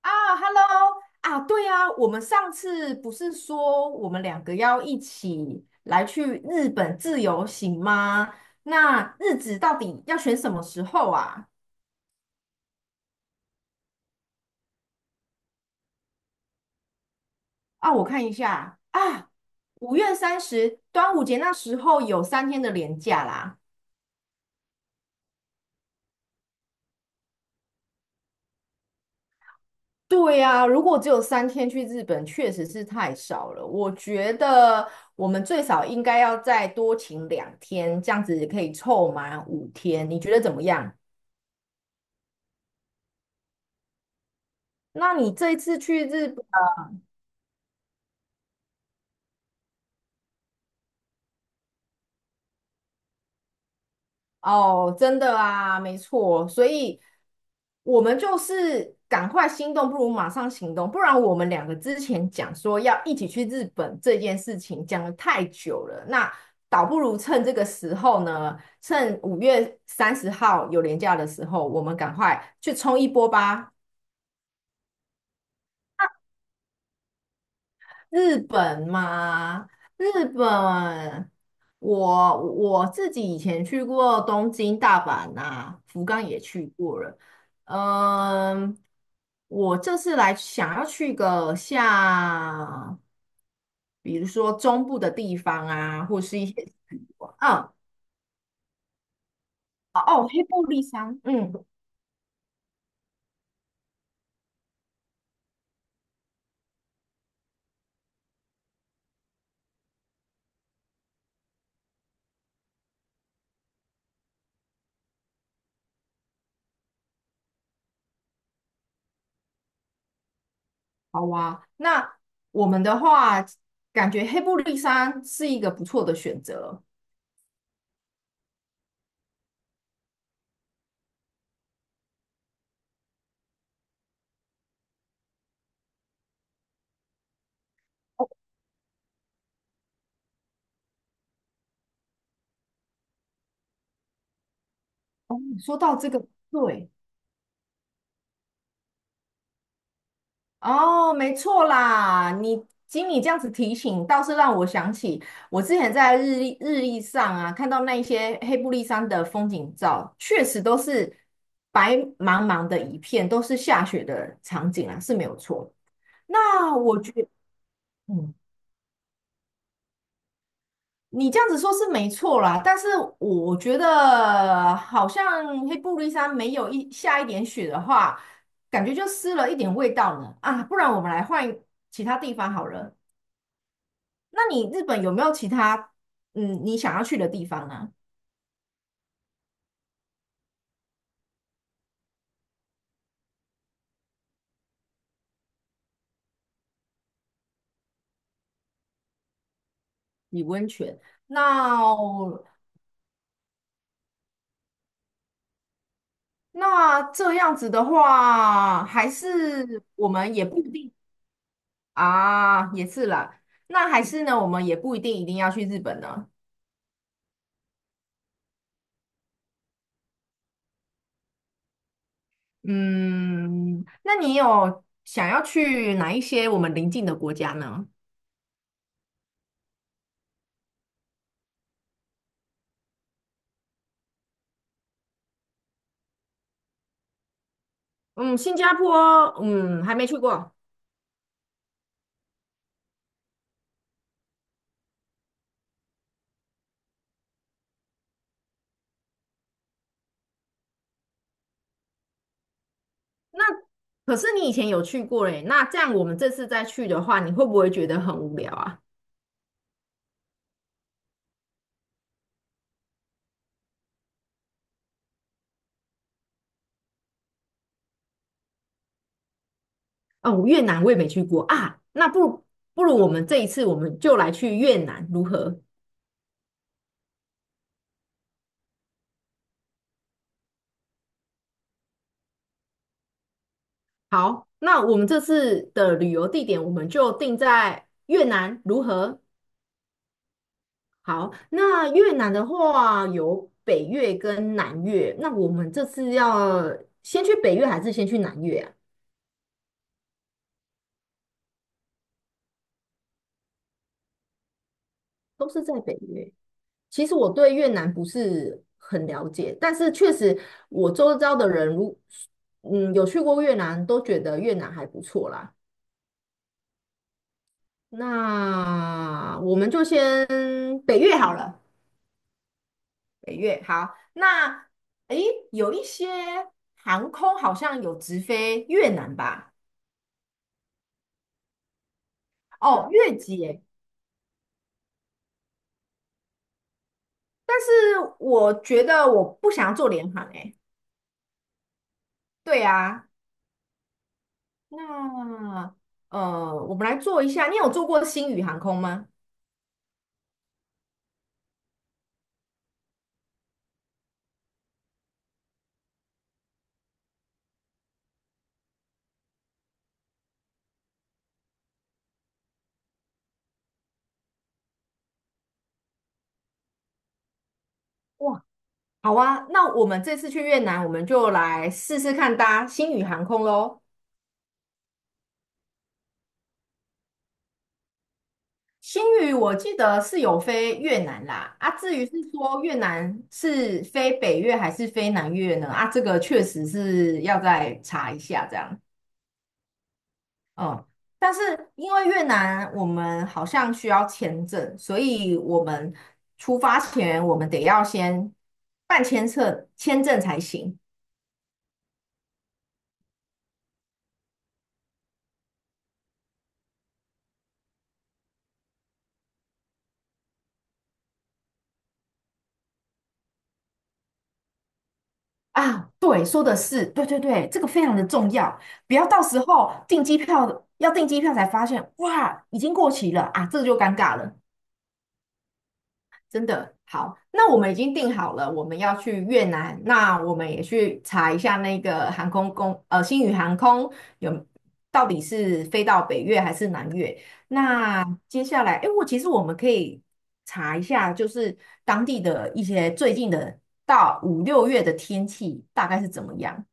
啊，Hello 啊，对啊，我们上次不是说我们两个要一起来去日本自由行吗？那日子到底要选什么时候啊？啊，我看一下啊，五月三十，端午节那时候有三天的连假啦。对呀，如果只有三天去日本，确实是太少了。我觉得我们最少应该要再多请2天，这样子可以凑满5天。你觉得怎么样？那你这一次去日本。哦，真的啊，没错，所以我们就是赶快心动，不如马上行动，不然我们两个之前讲说要一起去日本这件事情讲的太久了，那倒不如趁这个时候呢，趁5月30号有连假的时候，我们赶快去冲一波吧。日本嘛，日本，我自己以前去过东京、大阪呐，福冈也去过了。嗯，我这次来想要去个像，比如说中部的地方啊，或是一些哦，哦黑布利山，嗯，好啊。那我们的话，感觉黑布利山是一个不错的选择。嗯说到这个，对。哦，没错啦，经你这样子提醒，倒是让我想起我之前在日历上啊，看到那一些黑布利山的风景照，确实都是白茫茫的一片，都是下雪的场景啊，是没有错。那我觉嗯，你这样子说是没错啦，但是我觉得好像黑布利山没有一点雪的话，感觉就失了一点味道呢。啊，不然我们来换其他地方好了。那你日本有没有其他你想要去的地方呢？洗温泉。那那这样子的话，还是我们也不一定啊，也是啦。那还是呢，我们也不一定一定要去日本呢。嗯，那你有想要去哪一些我们邻近的国家呢？嗯，新加坡，嗯，还没去过。那可是你以前有去过嘞，那这样我们这次再去的话，你会不会觉得很无聊啊？哦，越南我也没去过啊，那不如我们这一次我们就来去越南如何？好，那我们这次的旅游地点我们就定在越南如何？好，那越南的话有北越跟南越，那我们这次要先去北越还是先去南越啊？都是在北越。其实我对越南不是很了解，但是确实我周遭的人有去过越南，都觉得越南还不错啦。那我们就先北越好了，北越好。那诶，有一些航空好像有直飞越南吧？哦，越捷。但是我觉得我不想要做联航诶。对啊，那我们来做一下。你有做过星宇航空吗？哇，好啊，那我们这次去越南，我们就来试试看搭星宇航空喽。新宇我记得是有飞越南啦，啊，至于是说越南是飞北越还是飞南越呢？啊，这个确实是要再查一下这样，嗯，但是因为越南我们好像需要签证，所以我们出发前我们得要先办签证，签证才行啊。对，说的是，对对对，这个非常的重要。不要到时候订机票，要订机票才发现，哇，已经过期了啊，这就尴尬了。真的好，那我们已经定好了，我们要去越南，那我们也去查一下那个航空公，呃，星宇航空有到底是飞到北越还是南越？那接下来，哎，我其实我们可以查一下，就是当地的一些最近的到5、6月的天气大概是怎么样。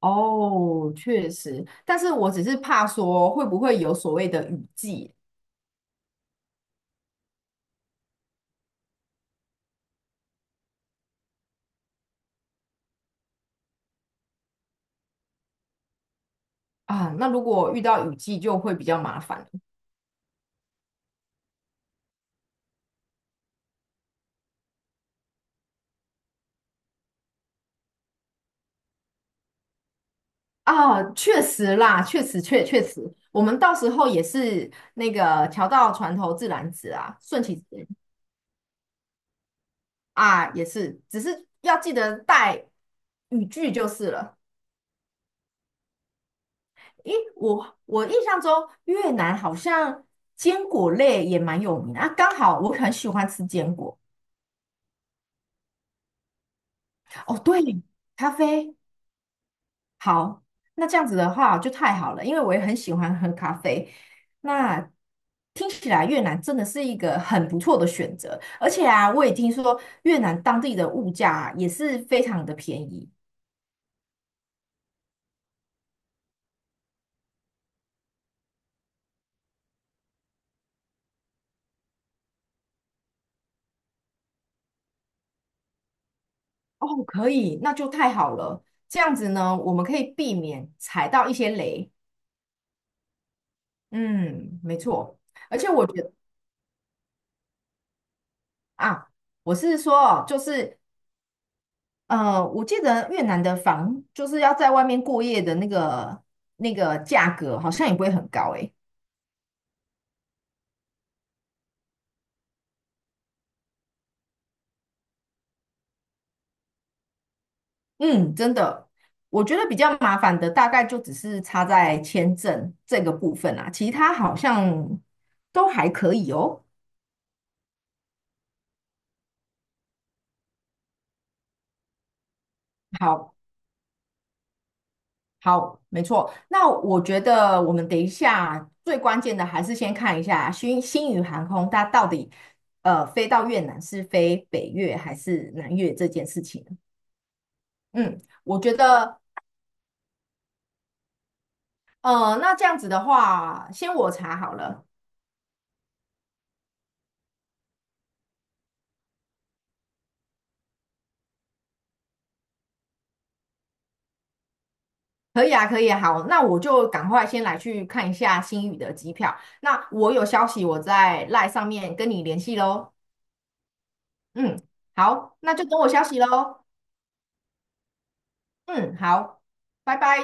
哦，确实，但是我只是怕说会不会有所谓的雨季啊？那如果遇到雨季就会比较麻烦。啊，确实啦，确实，我们到时候也是那个桥到船头自然直啊，顺其自然啊，也是，只是要记得带语句就是了。咦，我印象中越南好像坚果类也蛮有名的啊，刚好我很喜欢吃坚果。哦，对，咖啡。好，那这样子的话就太好了，因为我也很喜欢喝咖啡。那听起来越南真的是一个很不错的选择，而且啊，我也听说越南当地的物价啊也是非常的便宜。哦，可以，那就太好了。这样子呢，我们可以避免踩到一些雷。嗯，没错。而且我觉得啊，我是说哦，就是我记得越南的房就是要在外面过夜的那个价格，好像也不会很高诶。嗯，真的，我觉得比较麻烦的大概就只是差在签证这个部分啊，其他好像都还可以哦。好，好，没错。那我觉得我们等一下最关键的还是先看一下新宇航空它到底飞到越南是飞北越还是南越这件事情。嗯。我觉得那这样子的话，先我查好了，可以啊，可以啊，好，那我就赶快先来去看一下新宇的机票。那我有消息，我在 l 上面跟你联系喽。嗯，好，那就等我消息喽。嗯，好，拜拜。